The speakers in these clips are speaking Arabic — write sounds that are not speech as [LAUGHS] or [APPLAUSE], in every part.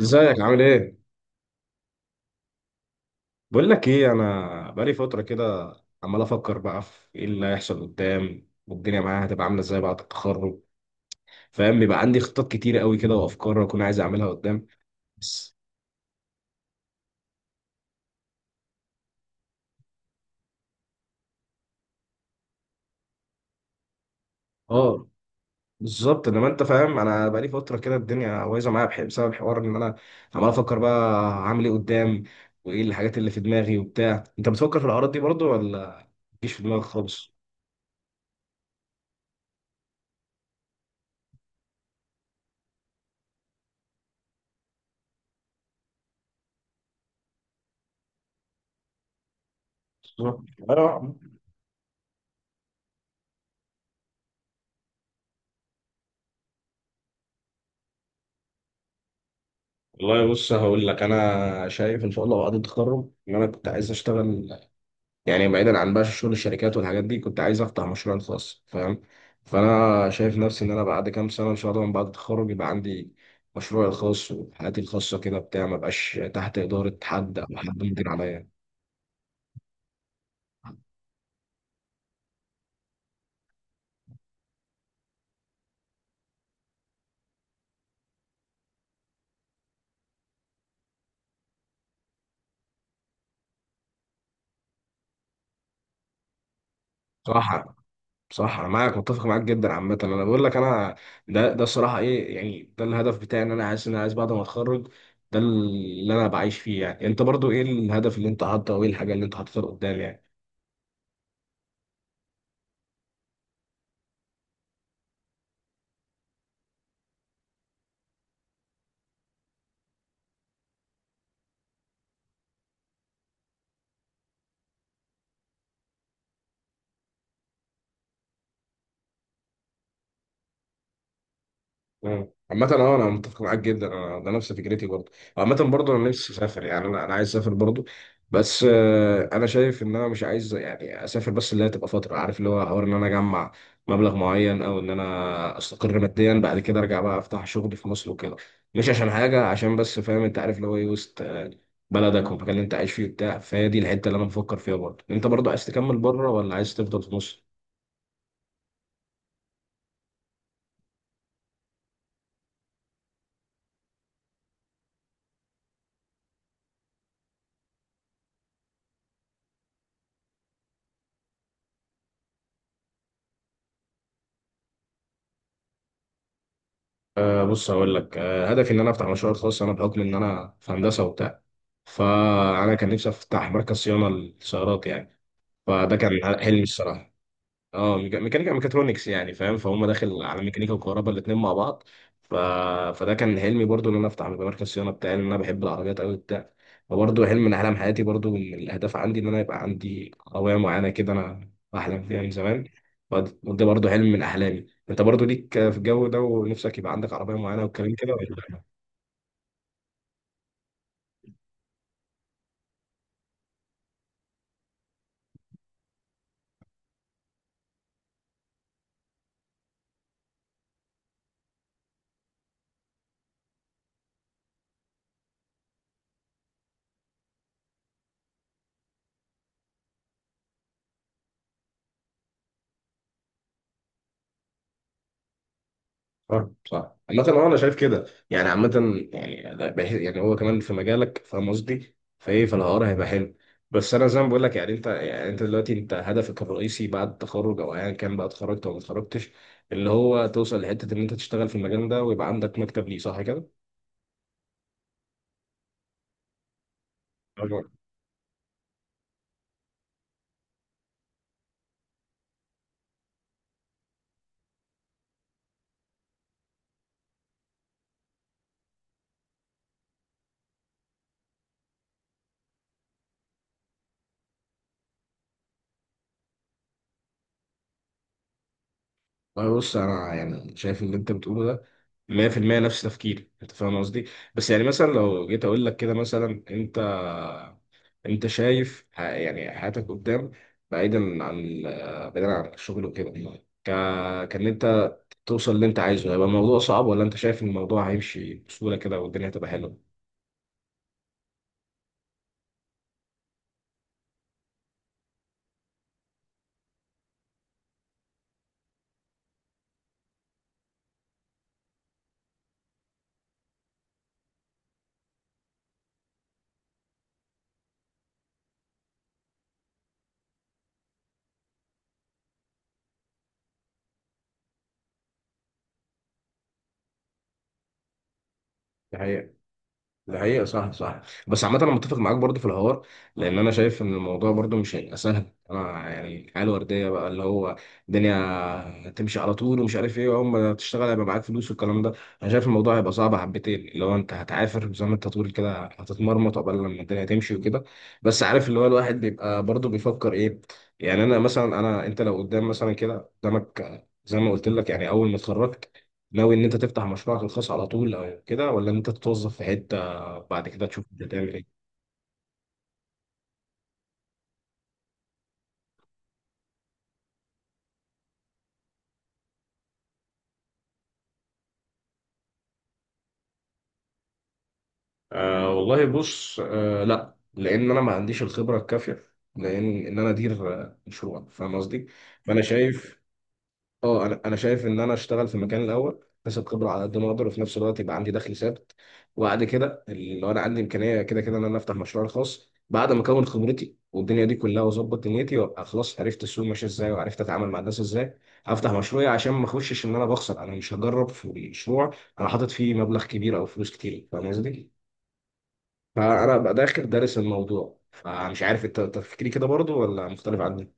ازيك عامل ايه؟ بقول لك ايه انا بقالي فترة كده عمال افكر بقى في ايه اللي هيحصل قدام والدنيا معايا هتبقى عاملة ازاي بعد التخرج فاهم بيبقى عندي خطط كتير قوي كده وافكار اكون عايز اعملها قدام بس اه بالظبط انما انت فاهم انا بقالي فترة كده الدنيا بايظة معايا بسبب الحوار ان انا عمال افكر بقى هعمل ايه قدام وايه الحاجات اللي في دماغي وبتاع انت بتفكر في الاعراض دي برضو ولا مفيش في دماغك خالص؟ بالظبط. والله بص هقول لك انا شايف ان شاء الله بعد التخرج ان انا كنت عايز اشتغل يعني بعيدا عن بقى شغل الشركات والحاجات دي كنت عايز افتح مشروع خاص فاهم فانا شايف نفسي ان انا بعد كام سنه ان شاء الله من بعد التخرج يبقى عندي مشروعي الخاص وحياتي الخاصه كده بتاع ما بقاش تحت اداره حد او حد مدير عليا. صراحه صح انا معاك متفق معاك جدا عامه انا بقول لك انا ده الصراحه ايه يعني ده الهدف بتاعي ان انا عايز بعد ما اتخرج ده اللي انا بعيش فيه. يعني انت برضو ايه الهدف اللي انت حاطه وايه الحاجه اللي انت حاططها قدام يعني. مم. عامة اه انا متفق معاك جدا انا ده نفس فكرتي برضه. عامة برضه انا نفسي اسافر، يعني انا عايز اسافر برضه. بس انا شايف ان انا مش عايز يعني اسافر بس، اللي هي تبقى فترة عارف اللي هو حوار ان انا اجمع مبلغ معين او ان انا استقر ماديا بعد كده ارجع بقى افتح شغل في مصر وكده. مش عشان حاجة عشان بس فاهم انت عارف اللي هو ايه وسط بلدك والمكان اللي انت عايش فيه وبتاع. فهي دي الحتة اللي انا بفكر فيها. برضه انت برضه عايز تكمل بره ولا عايز تفضل في مصر؟ أه بص هقول لك أه هدفي ان انا افتح مشروع خاص. انا بحكم ان انا في هندسه وبتاع فانا كان نفسي افتح مركز صيانه للسيارات يعني. فده كان حلمي الصراحه. اه ميكانيكا، ميكاترونكس يعني فاهم. فهم داخل على ميكانيكا وكهرباء الاثنين مع بعض. ف... فده كان حلمي برضو ان انا افتح مركز صيانه بتاعي لان انا بحب العربيات قوي بتاع. فبرضه حلم من احلام حياتي، برضو من الاهداف عندي ان انا يبقى عندي عربيه معينه كده انا بحلم فيها من زمان. وده برضو حلم من احلامي. انت برضو ليك في الجو ده ونفسك يبقى عندك عربيه معينه والكلام كده ولا؟ صح صح. عامة اه انا شايف كده يعني. عامة يعني ده بحس يعني هو كمان في مجالك فاهم قصدي، فايه فالحوار هيبقى حلو. بس انا زي ما بقول لك، يعني انت يعني انت دلوقتي انت هدفك الرئيسي بعد التخرج او ايا كان بقى اتخرجت او ما اتخرجتش اللي هو توصل لحتة ان انت تشتغل في المجال ده ويبقى عندك مكتب ليه، صح كده؟ أيوة. والله بص انا يعني شايف اللي انت بتقوله ده 100% نفس تفكيري انت فاهم قصدي. بس يعني مثلا لو جيت اقول لك كده مثلا انت، انت شايف يعني حياتك قدام بعيدا عن بعيدا عن الشغل وكده، ك... كان انت توصل اللي انت عايزه هيبقى الموضوع صعب ولا انت شايف ان الموضوع هيمشي بسهولة كده والدنيا هتبقى حلوة؟ دي حقيقة. ده حقيقة صح صح. بس عامة أنا متفق معاك برضو في الحوار لأن أنا شايف إن الموضوع برضو مش هيبقى سهل. أنا يعني الحياة الوردية بقى اللي هو الدنيا تمشي على طول ومش عارف إيه وأول ما تشتغل هيبقى معاك فلوس والكلام ده. أنا شايف الموضوع هيبقى صعب حبتين، اللي هو أنت هتعافر زي ما أنت تقول كده، هتتمرمط قبل لما الدنيا تمشي وكده. بس عارف اللي هو الواحد بيبقى برضو بيفكر إيه. يعني أنا مثلا أنا أنت لو قدام مثلا كده قدامك زي ما قلت لك يعني أول ما اتخرجت ناوي إن أنت تفتح مشروعك الخاص على طول أو كده، ولا إن أنت تتوظف في حتة بعد كده تشوف انت تعمل ايه؟ آه والله بص آه لا لان انا ما عنديش الخبره الكافيه لان ان انا ادير مشروع فاهم قصدي. فانا شايف. اه انا شايف ان انا اشتغل في مكان الاول اكتسب خبره على قد ما اقدر وفي نفس الوقت يبقى عندي دخل ثابت. وبعد كده لو انا عندي امكانيه كده كده ان انا افتح مشروع خاص بعد ما اكون خبرتي والدنيا دي كلها واظبط دنيتي وابقى خلاص عرفت السوق ماشي ازاي وعرفت اتعامل مع الناس ازاي هفتح مشروعي، عشان ما اخشش ان انا بخسر. انا مش هجرب في مشروع انا حاطط فيه مبلغ كبير او فلوس كتير فاهم قصدي؟ فانا ابقى داخل دارس الموضوع. فمش عارف انت تفكيري كده برضو ولا مختلف عني؟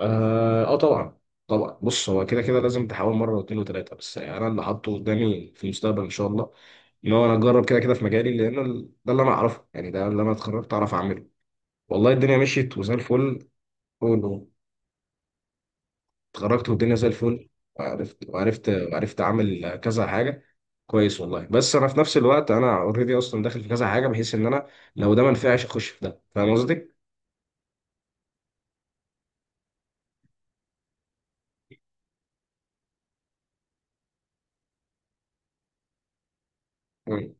اه آه طبعا. طبعا بص هو كده كده لازم تحاول مره واثنين وثلاثه. بس يعني انا اللي حاطه قدامي في المستقبل ان شاء الله ان هو انا اجرب كده كده في مجالي لان ده اللي انا اعرفه، يعني ده اللي انا اتخرجت اعرف اعمله. والله الدنيا مشيت وزي الفل. أول- ما اتخرجت والدنيا زي الفل وعرفت وعرفت اعمل كذا حاجه كويس. والله بس انا في نفس الوقت انا اوريدي اصلا داخل في كذا حاجه بحيث ان انا لو ده ما نفعش اخش في ده فاهم قصدي؟ مم.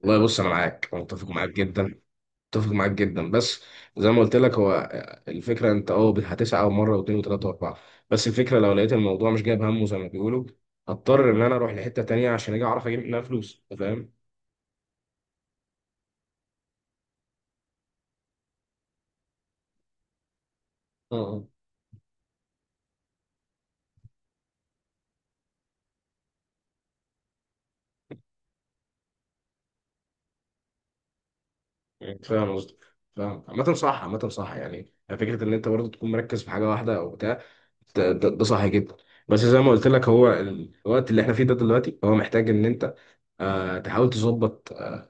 والله بص انا معاك، أنا متفق معاك جدا، اتفق معاك جدا. بس زي ما قلت لك هو الفكره انت اه هتسعى مره واثنين وثلاثه واربعه. بس الفكره لو لقيت الموضوع مش جايب همه زي ما بيقولوا هضطر ان انا اروح لحته تانيه عشان اجي اعرف اجيب منها فلوس أنت فاهم؟ اه آه. فاهم قصدي. فاهم عامة صح. عامة صح. يعني فكرة إن أنت برضه تكون مركز في حاجة واحدة أو بتاع، ده صح جدا. بس زي ما قلت لك هو الوقت اللي إحنا فيه ده دلوقتي هو محتاج إن أنت آه تحاول تظبط آه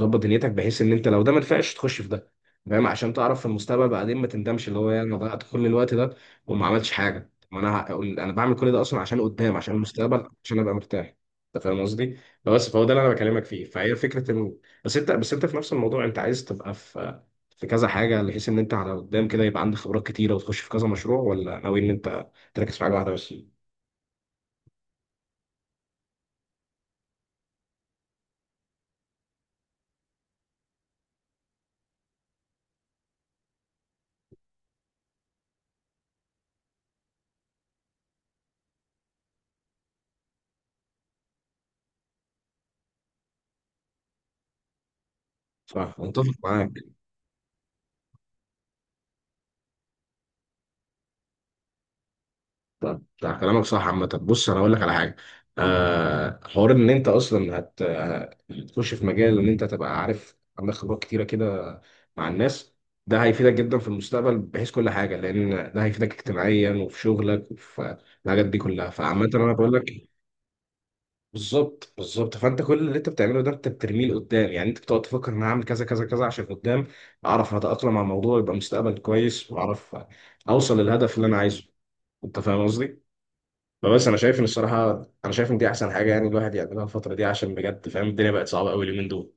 ظبط دنيتك بحيث ان انت لو ده ما نفعش تخش في ده فاهم، عشان تعرف في المستقبل بعدين ما تندمش اللي هو يعني انا ضيعت كل الوقت ده وما عملتش حاجه. طب ما انا انا بعمل كل ده اصلا عشان قدام، عشان المستقبل، عشان ابقى مرتاح. انت فاهم قصدي؟ بس فهو ده اللي انا بكلمك فيه. فهي فكره انه بس انت في نفس الموضوع انت عايز تبقى في في كذا حاجه بحيث ان انت على قدام كده يبقى عندك خبرات كتيره وتخش في كذا مشروع، ولا ناوي ان انت تركز في حاجه واحده بس؟ صح متفق معاك. طب ده كلامك صح. عامة بص انا اقول لك على حاجة، آه حوار ان انت اصلا هتخش في مجال ان انت تبقى عارف عندك خبرات كتيرة كده مع الناس ده هيفيدك جدا في المستقبل بحيث كل حاجة لان ده هيفيدك اجتماعيا وفي شغلك وفي الحاجات دي كلها. فعامة انا بقول لك بالظبط بالظبط. فانت كل اللي انت بتعمله ده انت بترميه لقدام، يعني انت بتقعد تفكر ان انا هعمل كذا كذا كذا عشان قدام اعرف اتأقلم مع الموضوع يبقى مستقبل كويس واعرف اوصل للهدف اللي انا عايزه. انت فاهم قصدي؟ فبس انا شايف ان الصراحه انا شايف ان دي احسن حاجه يعني الواحد يعملها الفتره دي عشان بجد فاهم الدنيا بقت صعبه قوي اليومين دول.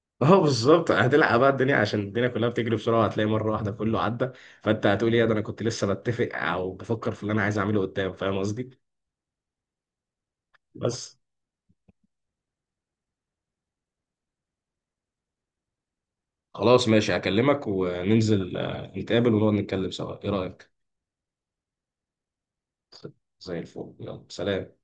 [LAUGHS] اه بالظبط هتلعب بقى الدنيا عشان الدنيا كلها بتجري بسرعه، هتلاقي مره واحده كله عدى فانت هتقول ايه ده انا كنت لسه بتفق او بفكر في اللي انا عايز اعمله قدام فاهم قصدي. بس خلاص ماشي هكلمك وننزل نتقابل ونقعد نتكلم سوا ايه رايك. زي الفل يلا سلام.